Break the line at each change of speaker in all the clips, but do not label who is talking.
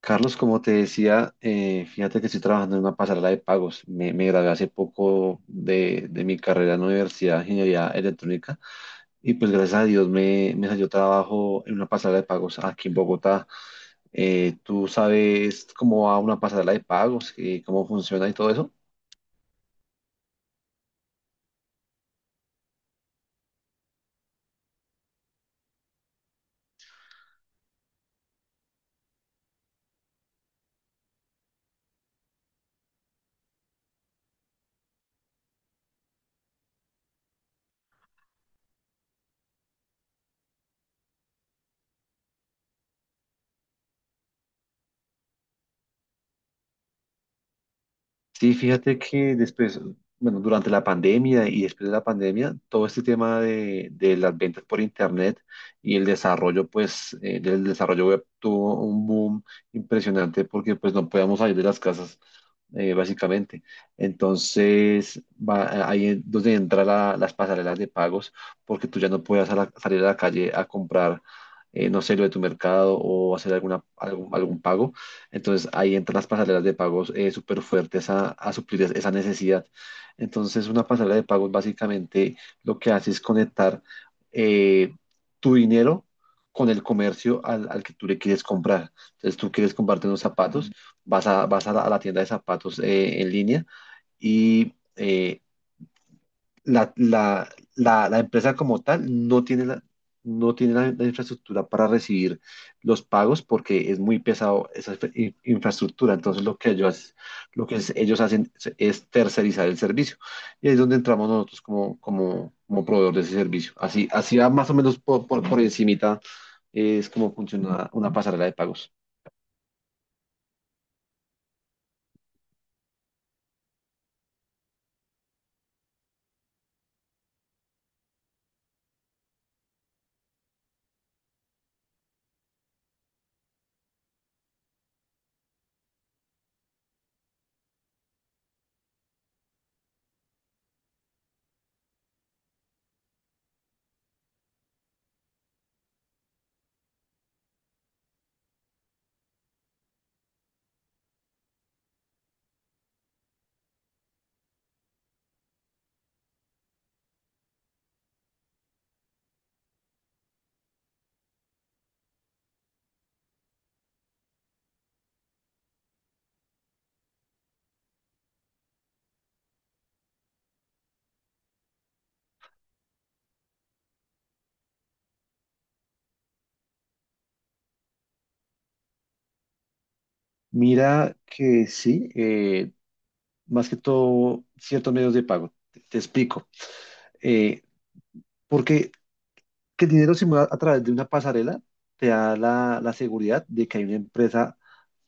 Carlos, como te decía, fíjate que estoy trabajando en una pasarela de pagos. Me gradué hace poco de mi carrera en la Universidad de Ingeniería Electrónica, y pues gracias a Dios me salió trabajo en una pasarela de pagos aquí en Bogotá. ¿Tú sabes cómo va una pasarela de pagos y cómo funciona y todo eso? Sí, fíjate que después, bueno, durante la pandemia y después de la pandemia, todo este tema de las ventas por internet y el desarrollo, pues, del desarrollo web, tuvo un boom impresionante porque, pues, no podíamos salir de las casas, básicamente. Entonces, va, ahí es donde entran las pasarelas de pagos, porque tú ya no puedes salir a la calle a comprar, no sé, lo de tu mercado o hacer algún pago. Entonces ahí entran las pasarelas de pagos, súper fuertes a suplir esa necesidad. Entonces una pasarela de pagos básicamente lo que hace es conectar, eh, tu dinero con el comercio al que tú le quieres comprar. Entonces tú quieres comprarte unos zapatos, vas a la tienda de zapatos, en línea y... eh, la, la, la empresa como tal no tiene la, no tiene la infraestructura para recibir los pagos, porque es muy pesado esa infraestructura. Entonces lo que ellos hacen es tercerizar el servicio. Y ahí es donde entramos nosotros como, como proveedor de ese servicio. Así va más o menos por encimita, es como funciona una pasarela de pagos. Mira que sí, más que todo ciertos medios de pago. Te explico. Eh, porque que el dinero simulado a través de una pasarela te da la seguridad de que hay una empresa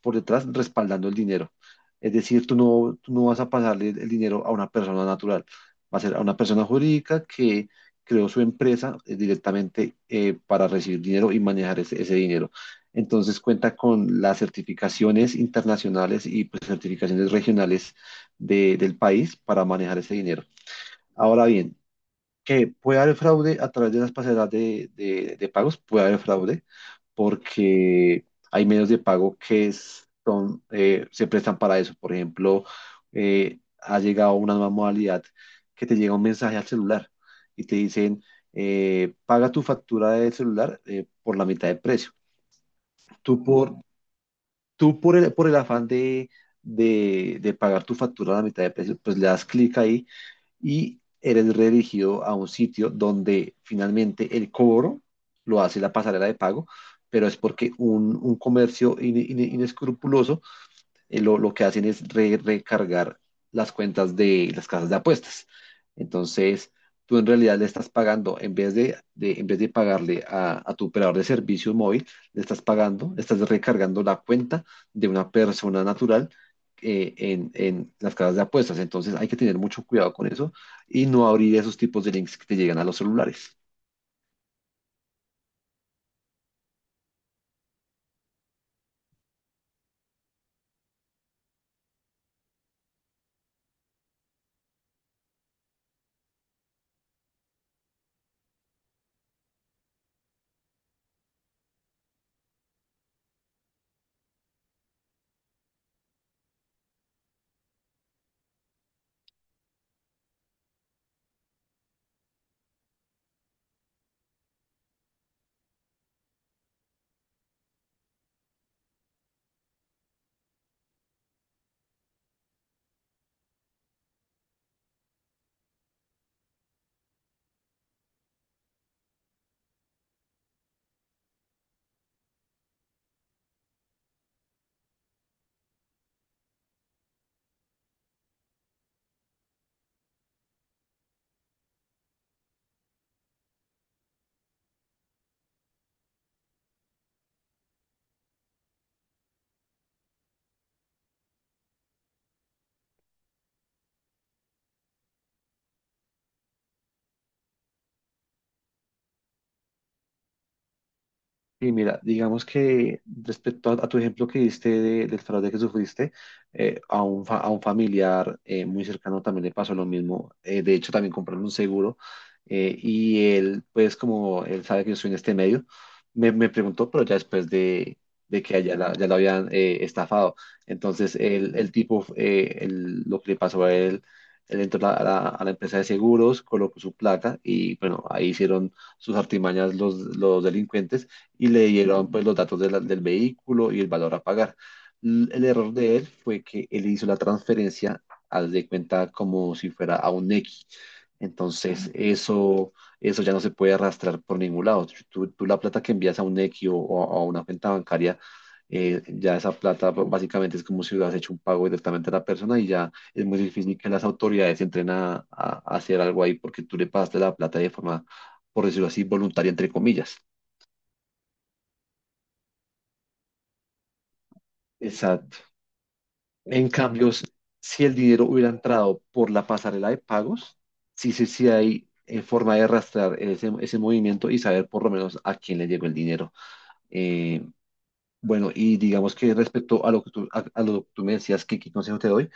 por detrás respaldando el dinero. Es decir, tú no vas a pasarle el dinero a una persona natural, va a ser a una persona jurídica que creó su empresa, directamente, para recibir dinero y manejar ese dinero. Entonces cuenta con las certificaciones internacionales y, pues, certificaciones regionales del país para manejar ese dinero. Ahora bien, que puede haber fraude a través de las pasarelas de pagos, puede haber fraude, porque hay medios de pago que son, se prestan para eso. Por ejemplo, ha llegado una nueva modalidad que te llega un mensaje al celular y te dicen, paga tu factura del celular, por la mitad del precio. Tú por, tú por por el afán de pagar tu factura a la mitad de precio, pues le das clic ahí y eres redirigido a un sitio donde finalmente el cobro lo hace la pasarela de pago, pero es porque un comercio inescrupuloso, lo que hacen es recargar las cuentas de las casas de apuestas. Entonces, tú en realidad le estás pagando, en vez en vez de pagarle a tu operador de servicio móvil, le estás pagando, estás recargando la cuenta de una persona natural, en las casas de apuestas. Entonces, hay que tener mucho cuidado con eso y no abrir esos tipos de links que te llegan a los celulares. Y mira, digamos que respecto a tu ejemplo que diste del fraude que sufriste, a a un familiar muy cercano también le pasó lo mismo. De hecho, también compraron un seguro, y él, pues como él sabe que yo soy en este medio, me preguntó, pero ya después de que ya, ya lo habían, estafado. Entonces, el tipo, lo que le pasó a él, él entró a a la empresa de seguros, colocó su placa y bueno, ahí hicieron sus artimañas los delincuentes, y le dieron pues los datos de del vehículo y el valor a pagar. El error de él fue que él hizo la transferencia, haz de cuenta, como si fuera a un X. Entonces, eso ya no se puede arrastrar por ningún lado. Si tú la plata que envías a un X o a una cuenta bancaria, ya esa plata, pues, básicamente es como si hubieras hecho un pago directamente a la persona, y ya es muy difícil que las autoridades se entren a hacer algo ahí, porque tú le pagaste la plata de forma, por decirlo así, voluntaria, entre comillas. Exacto. En cambio, si el dinero hubiera entrado por la pasarela de pagos, sí, sí, sí hay, forma de rastrear ese movimiento y saber por lo menos a quién le llegó el dinero. Eh, bueno, y digamos que respecto a lo que tú, a lo que tú me decías, ¿que qué consejo te doy?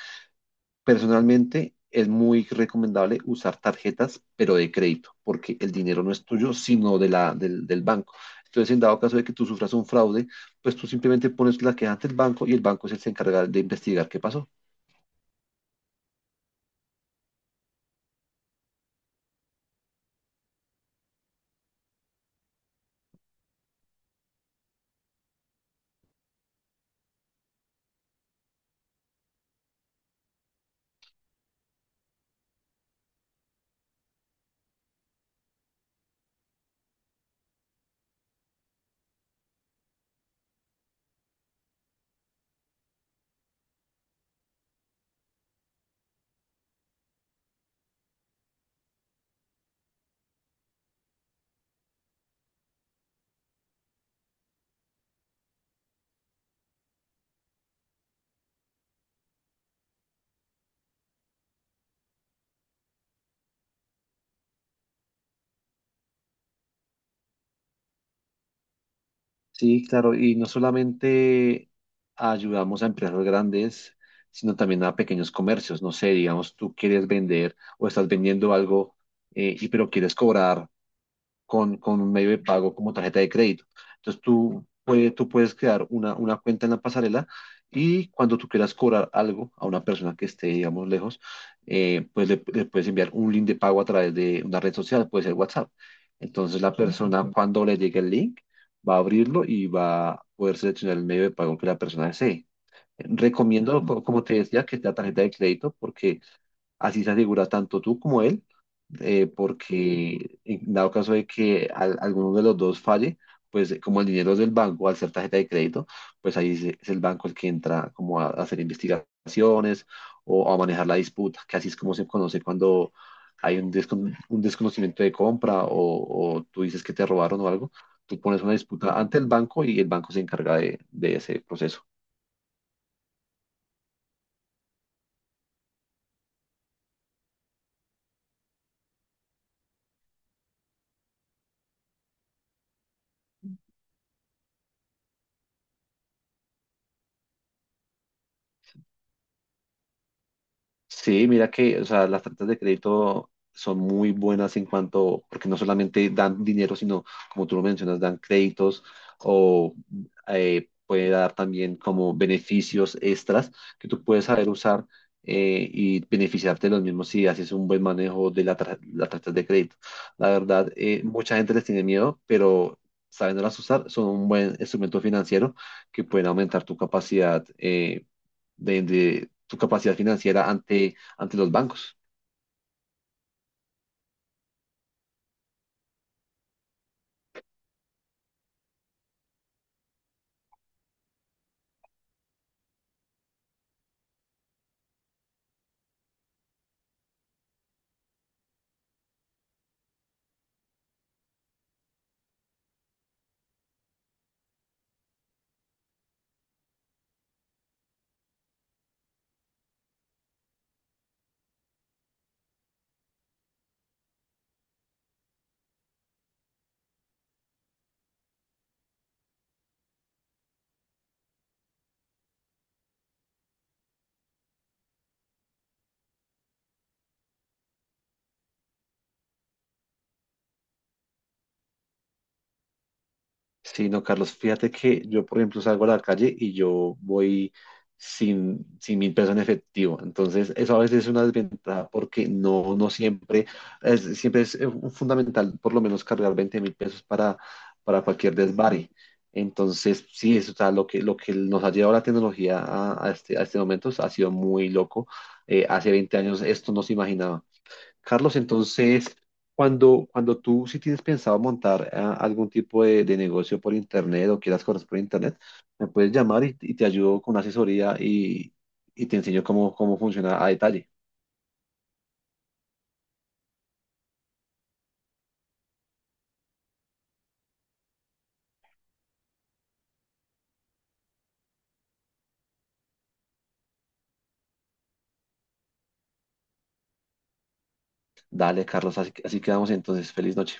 Personalmente es muy recomendable usar tarjetas, pero de crédito, porque el dinero no es tuyo, sino de del banco. Entonces, en dado caso de que tú sufras un fraude, pues tú simplemente pones la queja ante el banco, y el banco es el que se encarga de investigar qué pasó. Sí, claro, y no solamente ayudamos a empresas grandes, sino también a pequeños comercios. No sé, digamos, tú quieres vender o estás vendiendo algo, y pero quieres cobrar con un medio de pago como tarjeta de crédito. Entonces tú puedes crear una cuenta en la pasarela, y cuando tú quieras cobrar algo a una persona que esté, digamos, lejos, pues le puedes enviar un link de pago a través de una red social, puede ser WhatsApp. Entonces la persona, cuando le llegue el link, va a abrirlo y va a poder seleccionar el medio de pago que la persona desee. Recomiendo, como te decía, que sea tarjeta de crédito, porque así se asegura tanto tú como él, porque en dado caso de que alguno de los dos falle, pues, como el dinero es del banco, al ser tarjeta de crédito, pues ahí es el banco el que entra como a hacer investigaciones o a manejar la disputa, que así es como se conoce cuando hay un, un desconocimiento de compra, o tú dices que te robaron o algo, tú pones una disputa ante el banco y el banco se encarga de ese proceso. Sí, mira que, o sea, las tarjetas de crédito son muy buenas en cuanto, porque no solamente dan dinero, sino, como tú lo mencionas, dan créditos o, puede dar también como beneficios extras que tú puedes saber usar, y beneficiarte de los mismos si haces un buen manejo de las tarjetas de crédito. La verdad, mucha gente les tiene miedo, pero sabiéndolas usar, son un buen instrumento financiero que pueden aumentar tu capacidad, de tu capacidad financiera ante, ante los bancos. Sí, no, Carlos, fíjate que yo, por ejemplo, salgo a la calle y yo voy sin 1.000 pesos en efectivo. Entonces, eso a veces es una desventaja porque no, no siempre, es, siempre es, fundamental por lo menos cargar 20.000 pesos para cualquier desvare. Entonces, sí, eso, o sea, lo que nos ha llevado la tecnología a este momento, o sea, ha sido muy loco. Hace 20 años esto no se imaginaba. Carlos, entonces, cuando tú, si tienes pensado montar, algún tipo de negocio por internet o quieras cosas por internet, me puedes llamar y te ayudo con una asesoría, y te enseño cómo, cómo funciona a detalle. Dale, Carlos, así quedamos entonces. Feliz noche.